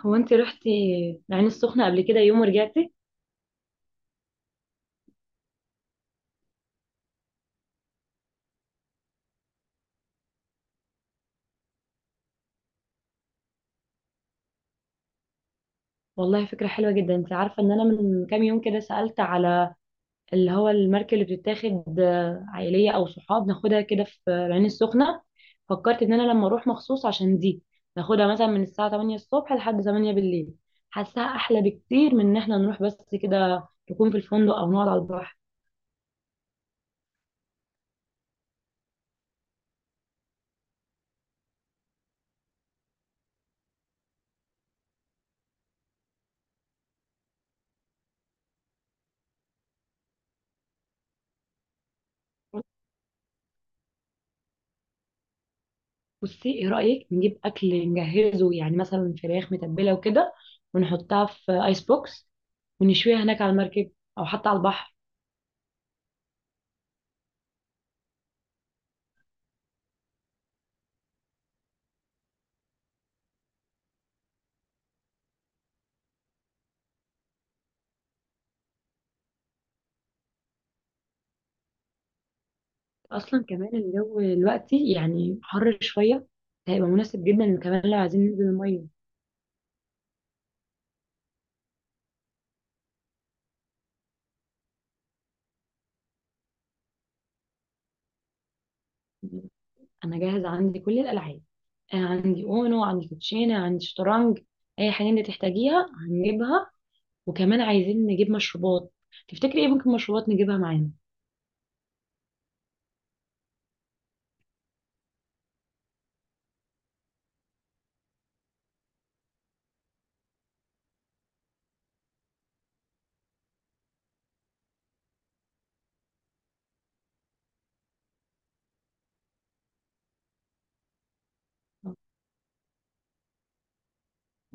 هو انت رحتي العين السخنة قبل كده يوم ورجعتي؟ والله فكرة حلوة جدا. انت عارفة ان انا من كام يوم كده سألت على اللي هو المركب اللي بتتاخد عائلية او صحاب، ناخدها كده في العين السخنة. فكرت ان انا لما اروح مخصوص عشان دي ناخدها مثلا من الساعة 8 الصبح لحد 8 بالليل. حاساها احلى بكتير من ان احنا نروح بس كده نكون في الفندق او نقعد على البحر. بصي، ايه رأيك نجيب اكل نجهزه، يعني مثلا فراخ متبلة وكده، ونحطها في ايس بوكس ونشويها هناك على المركب او حتى على البحر. اصلا كمان الجو دلوقتي يعني حر شويه، هيبقى مناسب جدا كمان لو عايزين ننزل الميه. انا جاهزه، عندي كل الالعاب. انا عندي اونو، عندي كوتشينه، عندي شطرنج. اي حاجه انت تحتاجيها هنجيبها. وكمان عايزين نجيب مشروبات. تفتكري ايه ممكن مشروبات نجيبها معانا؟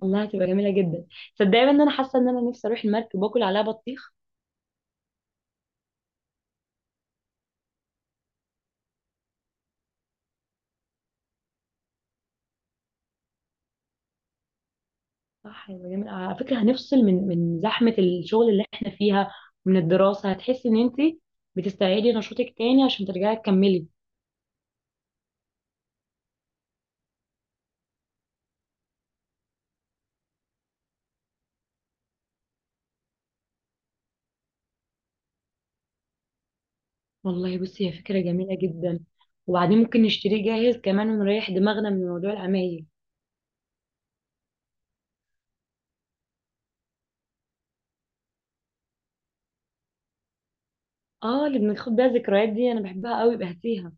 والله هتبقى جميله جدا. صدقني ان انا حاسه ان انا نفسي اروح المركب واكل عليها بطيخ. صح، يبقى جميل. على فكرة هنفصل من زحمة الشغل اللي احنا فيها ومن الدراسة. هتحسي ان انت بتستعيدي نشاطك تاني عشان ترجعي تكملي. والله بصي، هي فكرة جميلة جدا. وبعدين ممكن نشتريه جاهز كمان ونريح دماغنا من موضوع العمايل. اه، اللي بناخد بيها الذكريات دي؟ انا بحبها قوي بهتيها.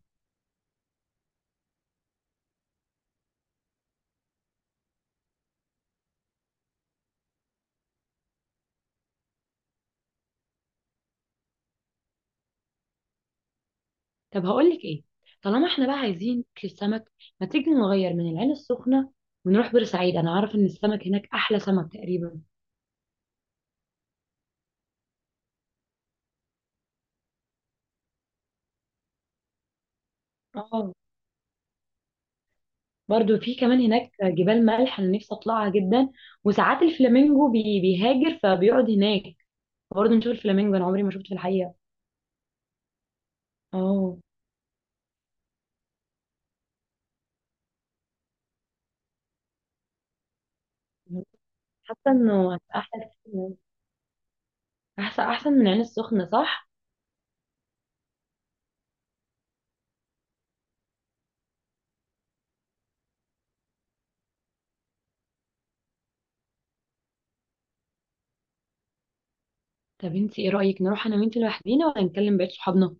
طب هقول لك ايه، طالما احنا بقى عايزين ناكل السمك، ما تيجي نغير من العين السخنة ونروح بورسعيد؟ انا عارفة ان السمك هناك احلى سمك تقريبا. اه. برضو في كمان هناك جبال ملح انا نفسي اطلعها جدا. وساعات الفلامينجو بي بيهاجر فبيقعد هناك، برضو نشوف الفلامينجو، انا عمري ما شفته في الحقيقه. اه، حاسه انه هتبقى احلى كتير. احسن احسن من عين السخنه، صح؟ طب انت ايه رايك نروح انا وانت لوحدينا ولا نكلم بقيه صحابنا؟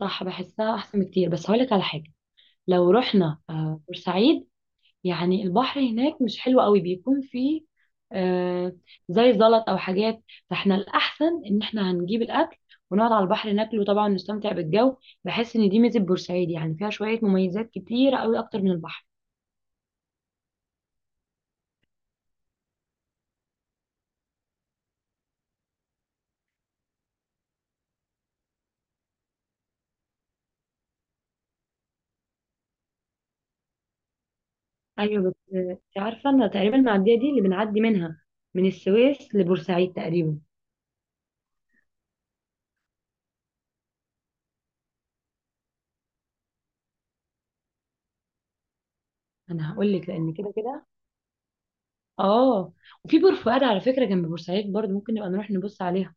صح، بحسها احسن بكتير. بس هقولك على حاجه، لو رحنا بورسعيد، يعني البحر هناك مش حلو قوي، بيكون فيه آه زي زلط او حاجات. فاحنا الاحسن ان احنا هنجيب الاكل ونقعد على البحر ناكله طبعا، نستمتع بالجو. بحس ان دي ميزه بورسعيد، يعني فيها شويه مميزات كتيره قوي اكتر من البحر. ايوه، بس انت عارفه انا تقريبا المعديه دي اللي بنعدي منها من السويس لبورسعيد تقريبا. انا هقول لك لان كده كده. اه. وفي بور فؤاد على فكره جنب بورسعيد، برضه ممكن نبقى نروح نبص عليها.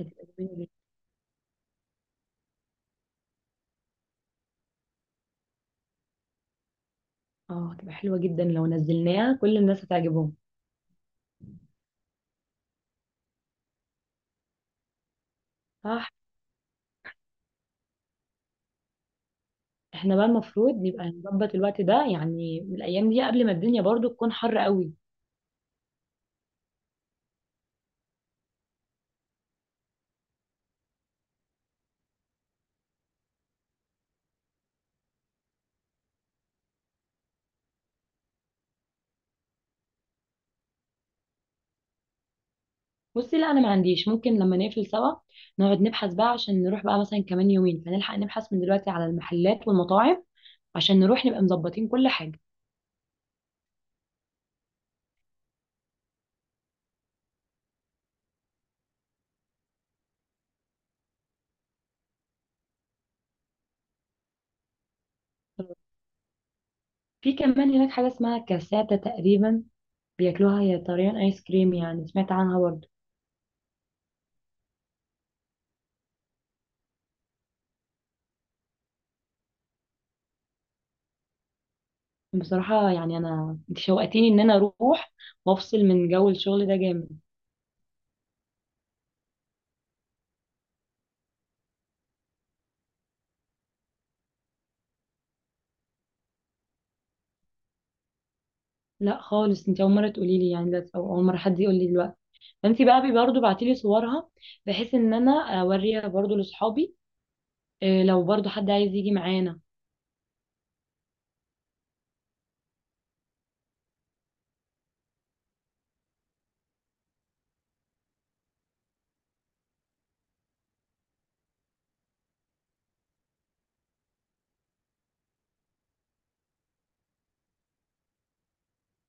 هتبقى جميله جدا. اه هتبقى حلوه جدا، لو نزلناها كل الناس هتعجبهم. صح. احنا بقى المفروض نبقى نظبط الوقت ده يعني من الايام دي قبل ما الدنيا برضو تكون حر قوي. بصي لا، انا ما عنديش. ممكن لما نقفل سوا نقعد نبحث بقى، عشان نروح بقى مثلا كمان يومين، فنلحق نبحث من دلوقتي على المحلات والمطاعم عشان نروح نبقى مظبطين كل حاجة. في كمان هناك حاجة اسمها كاساتا تقريبا، بياكلوها، هي طريان ايس كريم يعني، سمعت عنها برضو. بصراحة يعني انا انت شوقتيني ان انا اروح وافصل من جو الشغل ده جامد. لا خالص، انت اول مرة تقولي لي يعني ده، او اول مرة حد يقول لي دلوقتي. فانت بقى برضه بعتيلي صورها بحيث ان انا اوريها برضه لاصحابي، لو برضه حد عايز يجي معانا.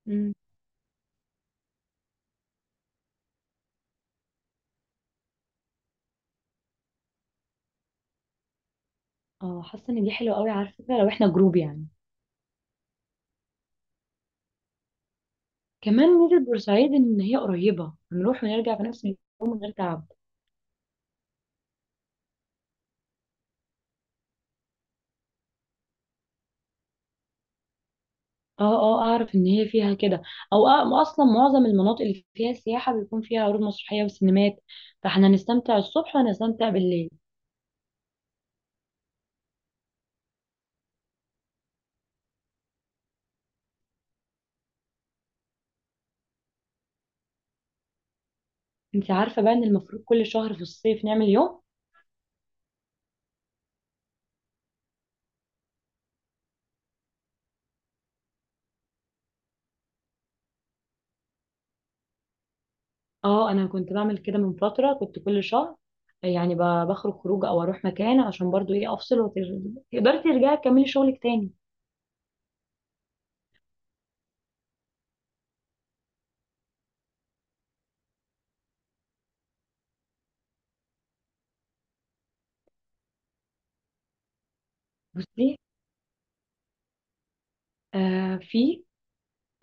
مم. اه، حاسه ان دي حلوه قوي، على فكره لو احنا جروب يعني. كمان ميزه بورسعيد ان هي قريبه، هنروح ونرجع في نفس اليوم من غير تعب. اه اه، اعرف ان هي فيها كده. او اصلا معظم المناطق اللي فيها سياحه بيكون فيها عروض مسرحيه وسينمات، فاحنا هنستمتع الصبح وهنستمتع بالليل. انت عارفه بقى ان المفروض كل شهر في الصيف نعمل يوم. اه، انا كنت بعمل كده من فتره، كنت كل شهر يعني بخرج خروج او اروح مكان عشان برضو ايه افصل، وتقدري ترجعي تكملي شغلك تاني. بصي، آه في،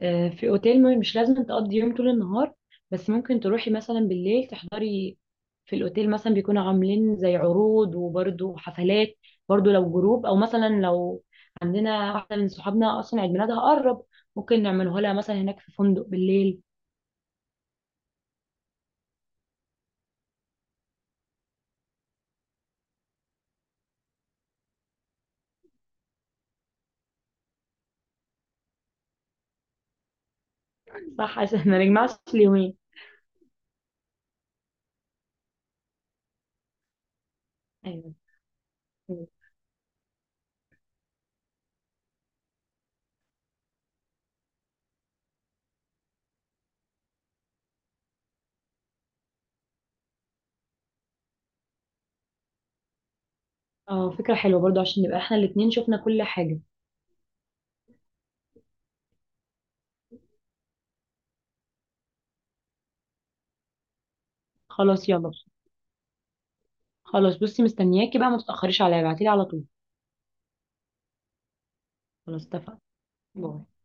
آه في اوتيل، مش لازم تقضي يوم طول النهار، بس ممكن تروحي مثلا بالليل تحضري في الاوتيل، مثلا بيكونوا عاملين زي عروض وبرضو حفلات. برضو لو جروب، او مثلا لو عندنا واحده من صحابنا اصلا عيد ميلادها قرب، ممكن نعمله لها مثلا هناك في فندق بالليل. صح، عشان ما نجمعش اليومين. ايوه. اه فكرة حلوة برضو عشان نبقى احنا الاتنين شفنا كل حاجة. خلاص يلا. خلاص بصي، مستنياكي بقى، ما تتأخريش عليا، ابعتيلي على طول. خلاص اتفقنا. باي.